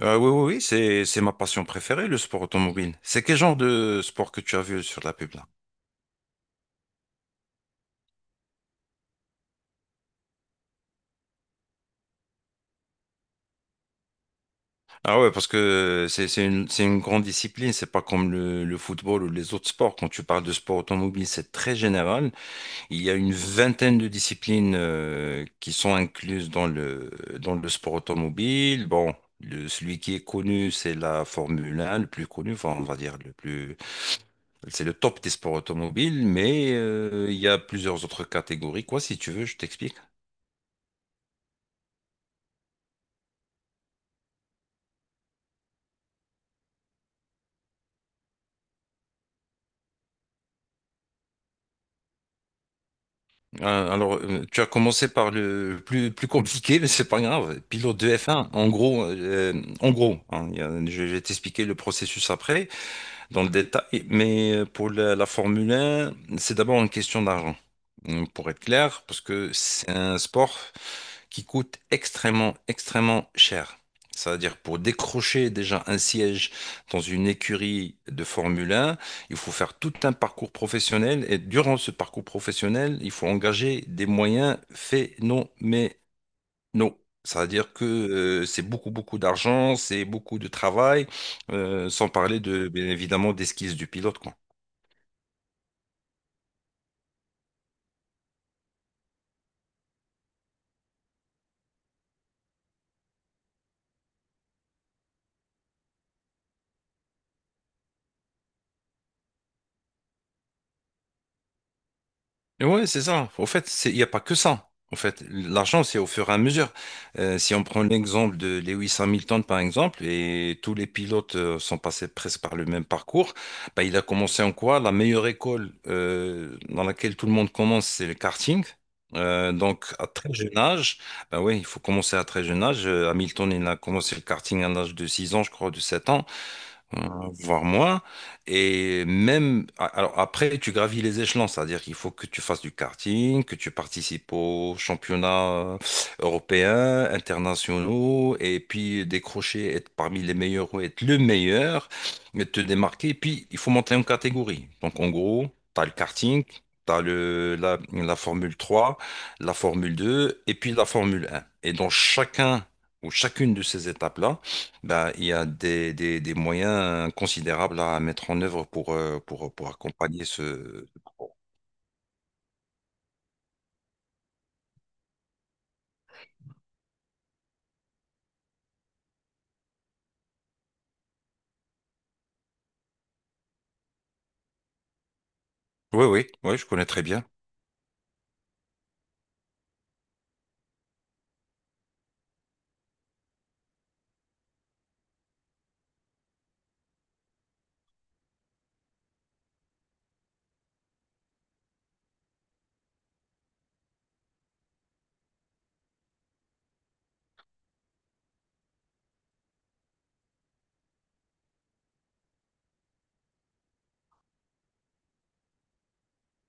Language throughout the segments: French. Oui, oui, oui, c'est ma passion préférée, le sport automobile. C'est quel genre de sport que tu as vu sur la pub là? Ah ouais, parce que c'est une grande discipline, c'est pas comme le football ou les autres sports. Quand tu parles de sport automobile, c'est très général. Il y a une vingtaine de disciplines qui sont incluses dans le sport automobile. Bon, celui qui est connu, c'est la Formule 1, le plus connu, enfin, on va dire le plus, c'est le top des sports automobiles, mais il y a plusieurs autres catégories. Quoi, si tu veux, je t'explique. Alors, tu as commencé par le plus compliqué, mais c'est pas grave. Pilote de F1, en gros, hein, je vais t'expliquer le processus après, dans le détail. Mais pour la Formule 1, c'est d'abord une question d'argent. Pour être clair, parce que c'est un sport qui coûte extrêmement, extrêmement cher. C'est-à-dire pour décrocher déjà un siège dans une écurie de Formule 1, il faut faire tout un parcours professionnel et durant ce parcours professionnel, il faut engager des moyens phénoménaux. Non. C'est-à-dire que c'est beaucoup, beaucoup d'argent, c'est beaucoup de travail, sans parler de, bien évidemment, des skills du pilote, quoi. Ouais, c'est ça. Au fait, il n'y a pas que ça. En fait, l'argent, c'est au fur et à mesure. Si on prend l'exemple de Lewis Hamilton, par exemple, et tous les pilotes sont passés presque par le même parcours, bah, il a commencé en quoi? La meilleure école dans laquelle tout le monde commence, c'est le karting. Donc, à très jeune âge, bah oui, il faut commencer à très jeune âge. Hamilton, il a commencé le karting à l'âge de 6 ans, je crois, de 7 ans euh, voire moins. Et même, alors après, tu gravis les échelons, c'est-à-dire qu'il faut que tu fasses du karting, que tu participes aux championnats européens, internationaux, et puis décrocher, être parmi les meilleurs ou être le meilleur, mais te démarquer. Et puis, il faut monter en catégorie. Donc, en gros, tu as le karting. T'as la Formule 3, la Formule deux, et puis la Formule 1. Et dans chacun ou chacune de ces étapes-là, bah, il y a des moyens considérables à mettre en œuvre pour accompagner ce... Oui, oui, oui, je connais très bien.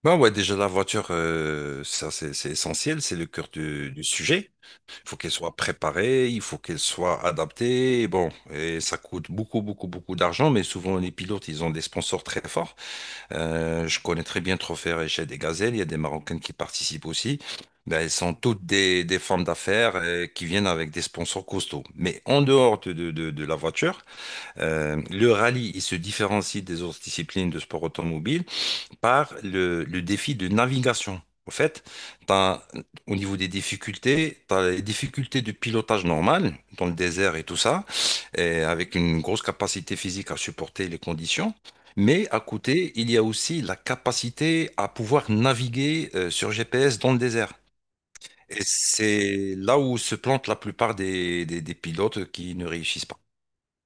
Bah ouais, déjà la voiture, ça c'est essentiel, c'est le cœur du sujet. Il faut qu'elle soit préparée, il faut qu'elle soit adaptée. Bon, et ça coûte beaucoup, beaucoup, beaucoup d'argent, mais souvent les pilotes, ils ont des sponsors très forts. Je connais très bien Trophée chez des Gazelles. Il y a des Marocaines qui participent aussi. Ben, elles sont toutes des femmes d'affaires qui viennent avec des sponsors costauds. Mais en dehors de la voiture, le rallye, il se différencie des autres disciplines de sport automobile par le défi de navigation. En fait, t'as- au niveau des difficultés, tu as les difficultés de pilotage normal dans le désert et tout ça, et avec une grosse capacité physique à supporter les conditions. Mais à côté, il y a aussi la capacité à pouvoir naviguer sur GPS dans le désert. Et c'est là où se plantent la plupart des pilotes qui ne réussissent pas.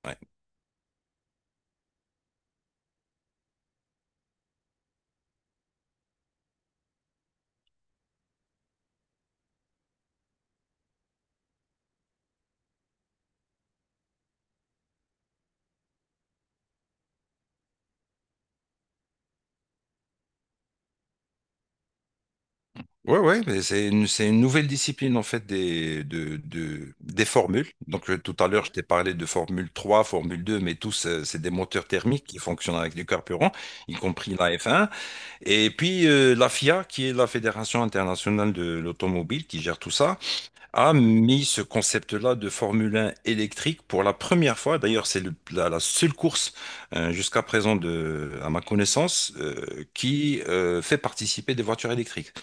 Ouais. Ouais, ouais, mais c'est une nouvelle discipline en fait des formules. Donc tout à l'heure, je t'ai parlé de Formule 3, Formule 2, mais tous, c'est des moteurs thermiques qui fonctionnent avec du carburant, y compris la F1. Et puis la FIA, qui est la Fédération internationale de l'automobile, qui gère tout ça, a mis ce concept-là de Formule 1 électrique pour la première fois. D'ailleurs, c'est la seule course, jusqu'à présent, à ma connaissance, qui fait participer des voitures électriques.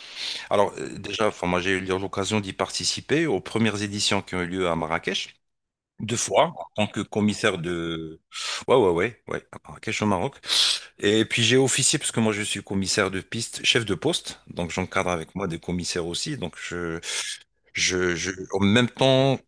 Alors, déjà, enfin, moi, j'ai eu l'occasion d'y participer aux premières éditions qui ont eu lieu à Marrakech. Deux fois, en tant que commissaire de... Ouais, ouais, ouais, ouais, à Marrakech au Maroc. Et puis j'ai officié, parce que moi je suis commissaire de piste, chef de poste, donc j'encadre avec moi des commissaires aussi, donc je, en même temps.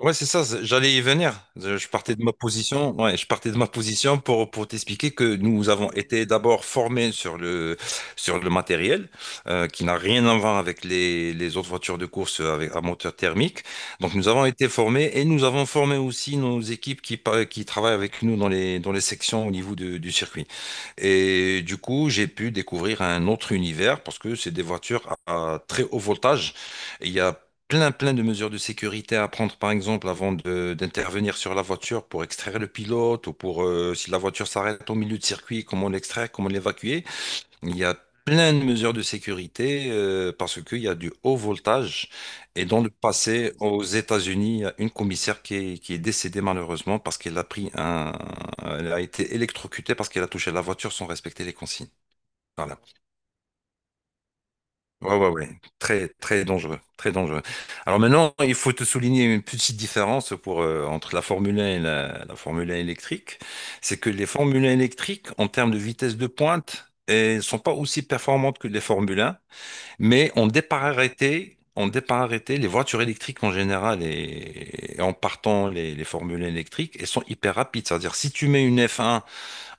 Ouais, c'est ça, j'allais y venir. Je partais de ma position, ouais, je partais de ma position pour t'expliquer que nous avons été d'abord formés sur le matériel, qui n'a rien à voir avec les autres voitures de course à moteur thermique. Donc, nous avons été formés et nous avons formé aussi nos équipes qui travaillent avec nous dans les sections au niveau du circuit. Et du coup, j'ai pu découvrir un autre univers parce que c'est des voitures à très haut voltage. Et il y a plein, plein de mesures de sécurité à prendre, par exemple, avant d'intervenir sur la voiture pour extraire le pilote ou si la voiture s'arrête au milieu de circuit, comment l'extraire, comment l'évacuer. Il y a plein de mesures de sécurité parce qu'il y a du haut voltage. Et dans le passé, aux États-Unis, il y a une commissaire qui est décédée malheureusement parce qu'elle a pris un... Elle a été électrocutée parce qu'elle a touché la voiture sans respecter les consignes. Voilà. Ouais, ouais, ouais. Très, très dangereux. Très dangereux. Alors maintenant, il faut te souligner une petite différence entre la Formule 1 et la Formule 1 électrique. C'est que les Formule 1 électriques, en termes de vitesse de pointe, ne sont pas aussi performantes que les Formule 1. Mais on départait les voitures électriques en général et en partant les formules électriques, elles sont hyper rapides. C'est-à-dire, si tu mets une F1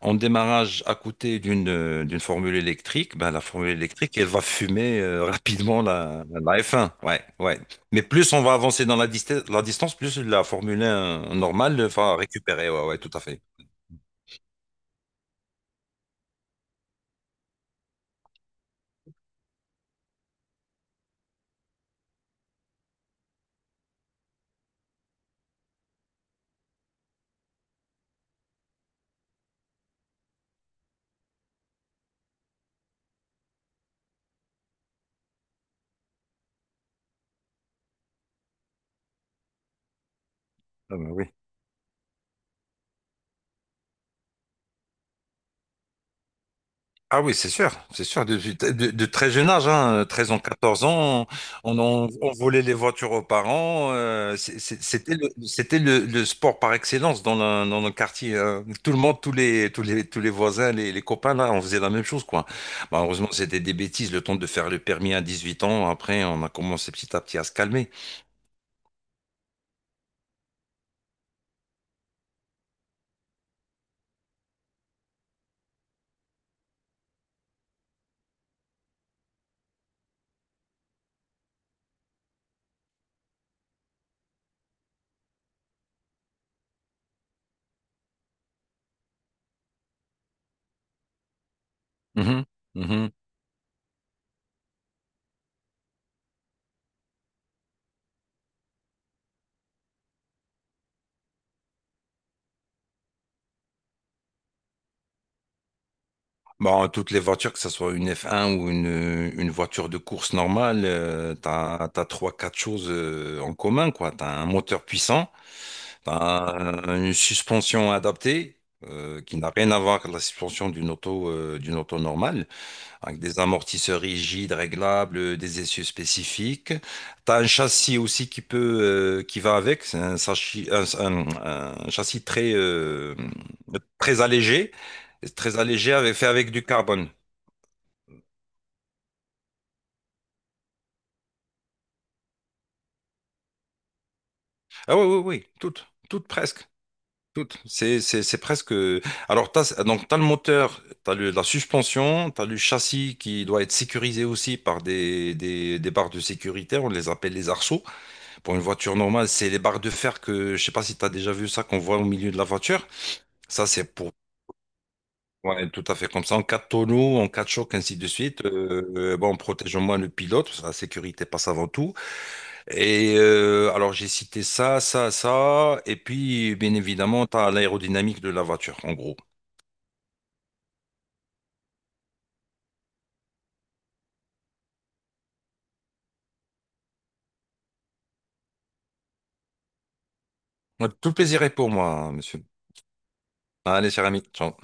en démarrage à côté d'une formule électrique, ben, la formule électrique, elle va fumer rapidement la F1. Ouais, ouais. Mais plus on va avancer dans la distance, plus la Formule 1 normale va récupérer. Ouais, ouais, tout à fait. Ah ben oui. Ah oui, c'est sûr, de très jeune âge, hein, 13 ans, 14 ans, on volait les voitures aux parents, c'était le sport par excellence dans le quartier. Hein. Tout le monde, tous les voisins, les copains, là, on faisait la même chose, quoi. Malheureusement, c'était des bêtises, le temps de faire le permis à 18 ans, après, on a commencé petit à petit à se calmer. Mhm, mhm. Bon, toutes les voitures, que ce soit une F1 ou une voiture de course normale, t'as trois, quatre choses en commun, quoi. T'as un moteur puissant, t'as une suspension adaptée, qui n'a rien à voir avec la suspension d'une auto normale, avec des amortisseurs rigides, réglables, des essieux spécifiques. T'as un châssis aussi qui qui va avec, c'est un, sachi- un châssis très allégé, très allégé fait avec du carbone. Ah oui, oui, oui, toutes presque, toutes. C'est presque. Alors, donc, t'as le moteur, t'as la suspension, t'as le châssis qui doit être sécurisé aussi par des barres de sécurité. On les appelle les arceaux. Pour une voiture normale, c'est les barres de fer que, je sais pas si t'as déjà vu ça, qu'on voit au milieu de la voiture. Ça, c'est pour. Ouais, tout à fait comme ça. En cas de tonneau, en cas de choc, ainsi de suite. Bon, protégeons moins le pilote, parce que la sécurité passe avant tout. Et alors j'ai cité ça, ça, ça, et puis bien évidemment, tu as l'aérodynamique de la voiture, en gros. Tout plaisir est pour moi, hein, monsieur. Allez, cher ami, ciao.